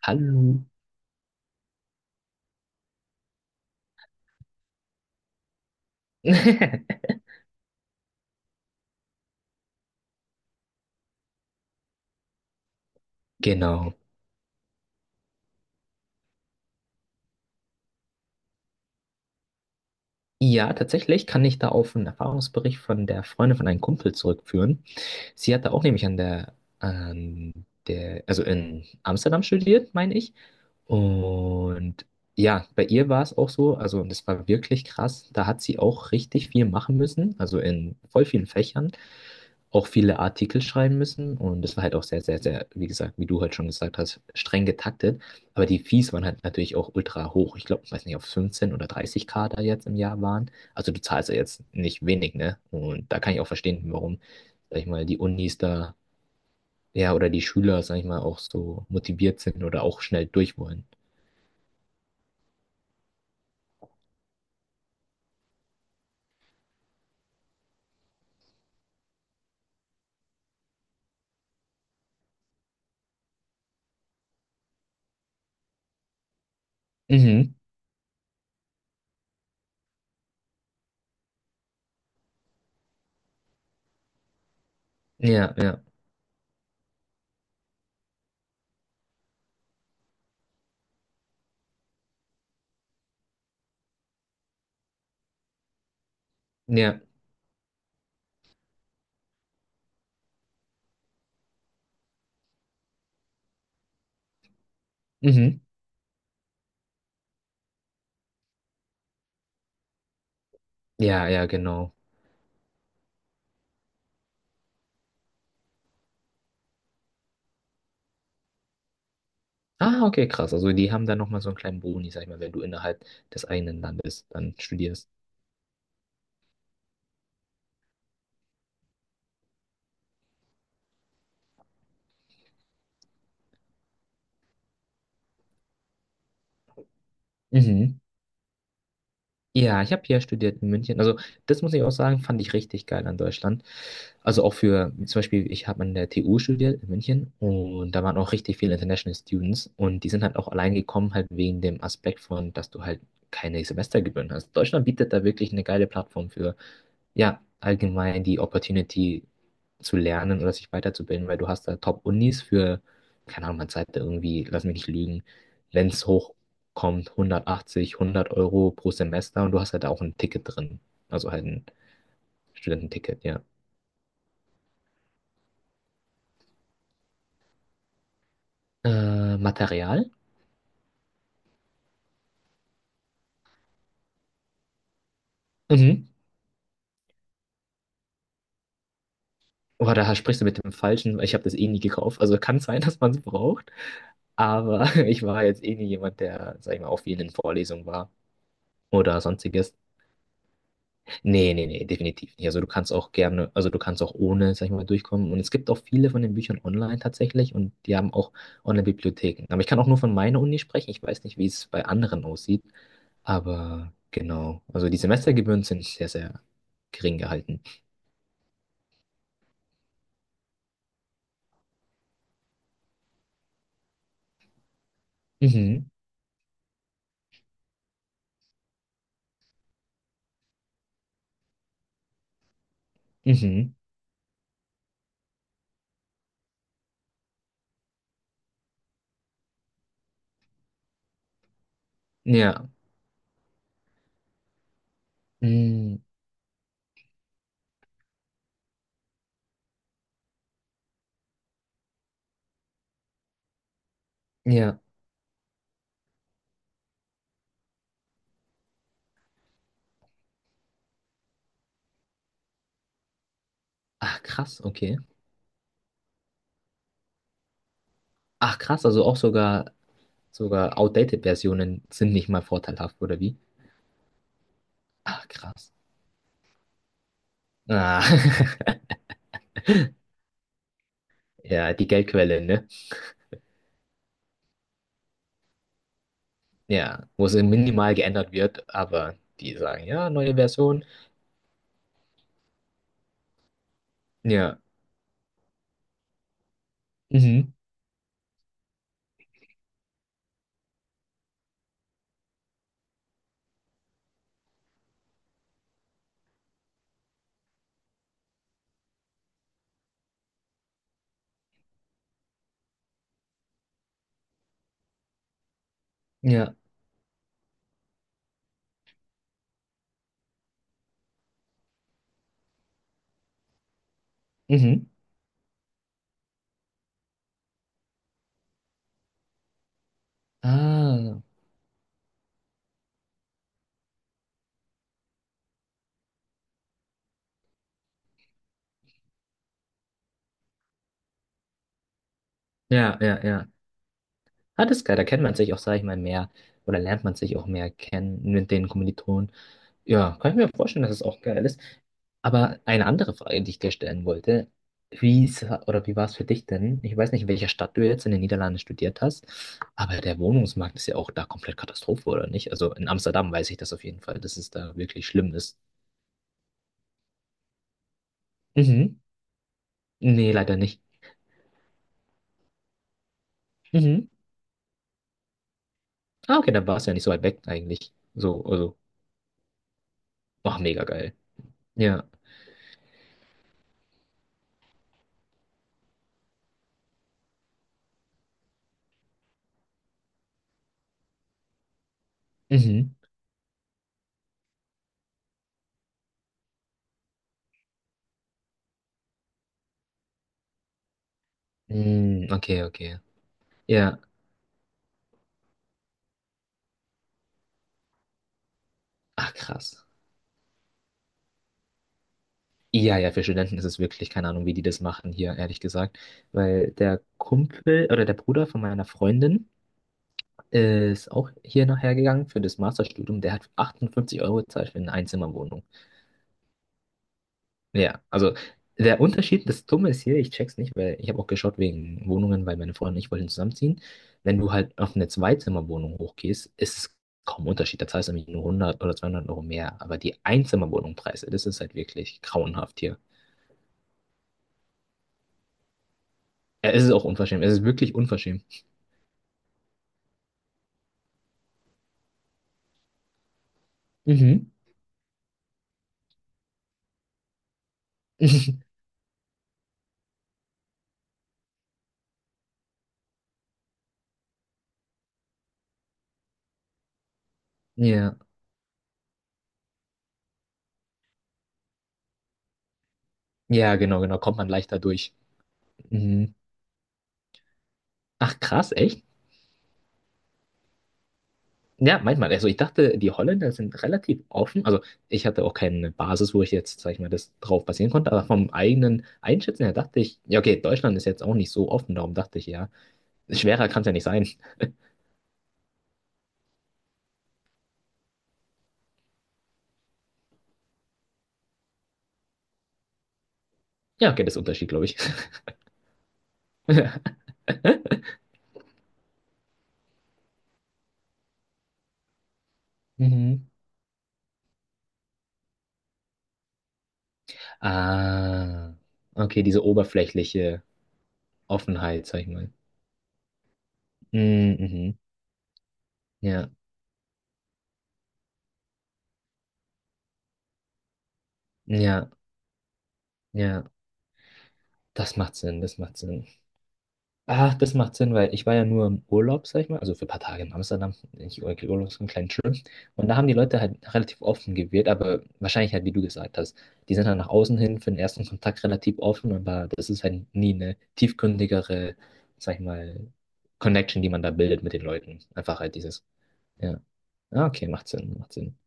Hallo. Genau. Ja, tatsächlich kann ich da auf einen Erfahrungsbericht von der Freundin von einem Kumpel zurückführen. Sie hatte auch nämlich an der, also in Amsterdam studiert, meine ich. Und ja, bei ihr war es auch so, also und das war wirklich krass, da hat sie auch richtig viel machen müssen, also in voll vielen Fächern, auch viele Artikel schreiben müssen und das war halt auch sehr, sehr, sehr, wie gesagt, wie du halt schon gesagt hast, streng getaktet, aber die Fees waren halt natürlich auch ultra hoch, ich glaube, ich weiß nicht, auf 15 oder 30k da jetzt im Jahr waren, also du zahlst ja jetzt nicht wenig, ne? Und da kann ich auch verstehen, warum, sag ich mal, die Unis da, ja, oder die Schüler, sag ich mal, auch so motiviert sind oder auch schnell durch wollen. Mhm. Ja, ja, ja. Mhm. Ja, ja, genau. Ah, okay, krass. Also die haben dann nochmal so einen kleinen Boni, sag ich mal, wenn du innerhalb des eigenen Landes dann studierst. Mhm. Ja, ich habe hier studiert in München. Also das muss ich auch sagen, fand ich richtig geil an Deutschland. Also auch für, zum Beispiel, ich habe an der TU studiert in München und da waren auch richtig viele International Students und die sind halt auch allein gekommen, halt wegen dem Aspekt von, dass du halt keine Semestergebühren hast. Deutschland bietet da wirklich eine geile Plattform für. Ja, allgemein die Opportunity zu lernen oder sich weiterzubilden, weil du hast da Top-Unis für, keine Ahnung, man zahlt da irgendwie, lass mich nicht lügen, wenn es hochkommt, 180, 100 Euro pro Semester und du hast halt auch ein Ticket drin. Also halt ein Studententicket, ja. Material? Mhm. Boah, da sprichst du mit dem Falschen, weil ich habe das eh nie gekauft. Also kann sein, dass man es braucht, aber ich war jetzt eh nie jemand, der, sag ich mal, auf vielen Vorlesungen war oder sonstiges. Nee, nee, nee, definitiv nicht. Also du kannst auch gerne, also du kannst auch ohne, sag ich mal, durchkommen. Und es gibt auch viele von den Büchern online tatsächlich und die haben auch Online-Bibliotheken. Aber ich kann auch nur von meiner Uni sprechen. Ich weiß nicht, wie es bei anderen aussieht. Aber genau, also die Semestergebühren sind sehr, sehr gering gehalten. Mhm, mhm, ja, mhm, ja. Ach, krass, okay. Ach, krass, also auch sogar, sogar outdated Versionen sind nicht mal vorteilhaft, oder wie? Ach, krass. Ah, ja, die Geldquelle, ne? Ja, wo es minimal geändert wird, aber die sagen, ja, neue Version. Ja. Mhm. Ja. Mhm. Ah. Ja, ja, ja. Ah, das ist geil. Da kennt man sich auch, sag ich mal, mehr oder lernt man sich auch mehr kennen mit den Kommilitonen. Ja, kann ich mir vorstellen, dass es auch geil ist. Aber eine andere Frage, die ich dir stellen wollte, wie ist, oder wie war es für dich denn? Ich weiß nicht, in welcher Stadt du jetzt in den Niederlanden studiert hast, aber der Wohnungsmarkt ist ja auch da komplett Katastrophe, oder nicht? Also in Amsterdam weiß ich das auf jeden Fall, dass es da wirklich schlimm ist. Mhm. Nee, leider nicht. Mhm. Ah, okay, dann war es ja nicht so weit weg eigentlich. So, also, ach, mega geil. Ja. Mhm. Mm, okay, okay. Ja. Ach, krass. Ja, ja, für Studenten ist es wirklich, keine Ahnung, wie die das machen hier, ehrlich gesagt. Weil der Kumpel oder der Bruder von meiner Freundin ist auch hier nachher gegangen für das Masterstudium. Der hat 58 Euro gezahlt für eine Einzimmerwohnung. Ja, also der Unterschied, das Dumme ist hier, ich check's nicht, weil ich habe auch geschaut wegen Wohnungen, weil meine Freundin und ich wollten zusammenziehen. Wenn du halt auf eine Zweizimmerwohnung hochgehst, ist es kaum Unterschied. Da zahlst du nämlich nur 100 oder 200 Euro mehr. Aber die Einzimmerwohnungpreise, das ist halt wirklich grauenhaft hier. Ja, es ist auch unverschämt. Es ist wirklich unverschämt. Mhm. Ja, ja, genau, genau. Kommt man leichter durch. Mhm. Ach, krass, echt? Ja, manchmal. Also ich dachte, die Holländer sind relativ offen. Also ich hatte auch keine Basis, wo ich jetzt, sag ich mal, das drauf basieren konnte. Aber vom eigenen Einschätzen her dachte ich, ja, okay, Deutschland ist jetzt auch nicht so offen. Darum dachte ich, ja, schwerer kann es ja nicht sein. Ja, okay, das ist ein Unterschied, glaube ich. Mhm. Ah, okay, diese oberflächliche Offenheit, sag ich mal. Mhm, mhm. Ja, ja, ja. Das macht Sinn, das macht Sinn. Ach, das macht Sinn, weil ich war ja nur im Urlaub, sag ich mal, also für ein paar Tage in Amsterdam, nicht Urlaub, so einen kleinen Trip. Und da haben die Leute halt relativ offen gewirkt, aber wahrscheinlich halt, wie du gesagt hast, die sind halt nach außen hin für den ersten Kontakt relativ offen, aber das ist halt nie eine tiefgründigere, sag ich mal, Connection, die man da bildet mit den Leuten. Einfach halt dieses, ja, Ah, okay, macht Sinn, macht Sinn.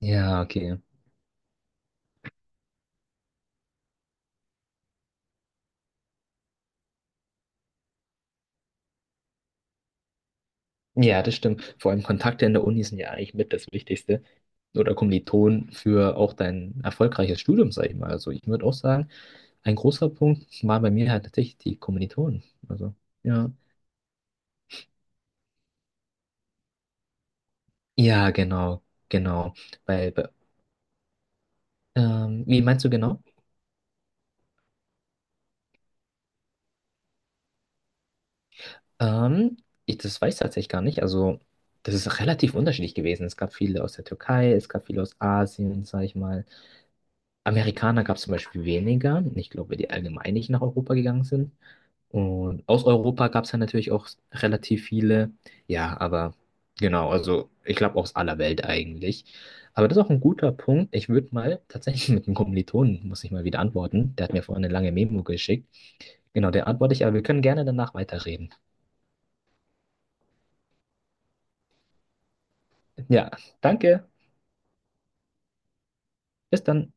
Ja, okay. Ja, das stimmt. Vor allem Kontakte in der Uni sind ja eigentlich mit das Wichtigste. Oder Kommilitonen für auch dein erfolgreiches Studium, sag ich mal. Also ich würde auch sagen, ein großer Punkt war bei mir halt tatsächlich die Kommilitonen. Also, ja. Ja, genau, genau. Weil, bei- wie meinst du genau? Ähm, ich, das weiß ich tatsächlich gar nicht. Also, das ist relativ unterschiedlich gewesen. Es gab viele aus der Türkei, es gab viele aus Asien, sag ich mal. Amerikaner gab es zum Beispiel weniger. Ich glaube, weil die allgemein nicht nach Europa gegangen sind. Und aus Europa gab es ja natürlich auch relativ viele. Ja, aber genau, also ich glaube aus aller Welt eigentlich. Aber das ist auch ein guter Punkt. Ich würde mal tatsächlich mit einem Kommilitonen, muss ich mal wieder antworten. Der hat mir vorhin eine lange Memo geschickt. Genau, der antworte ich, aber wir können gerne danach weiterreden. Ja, danke. Bis dann.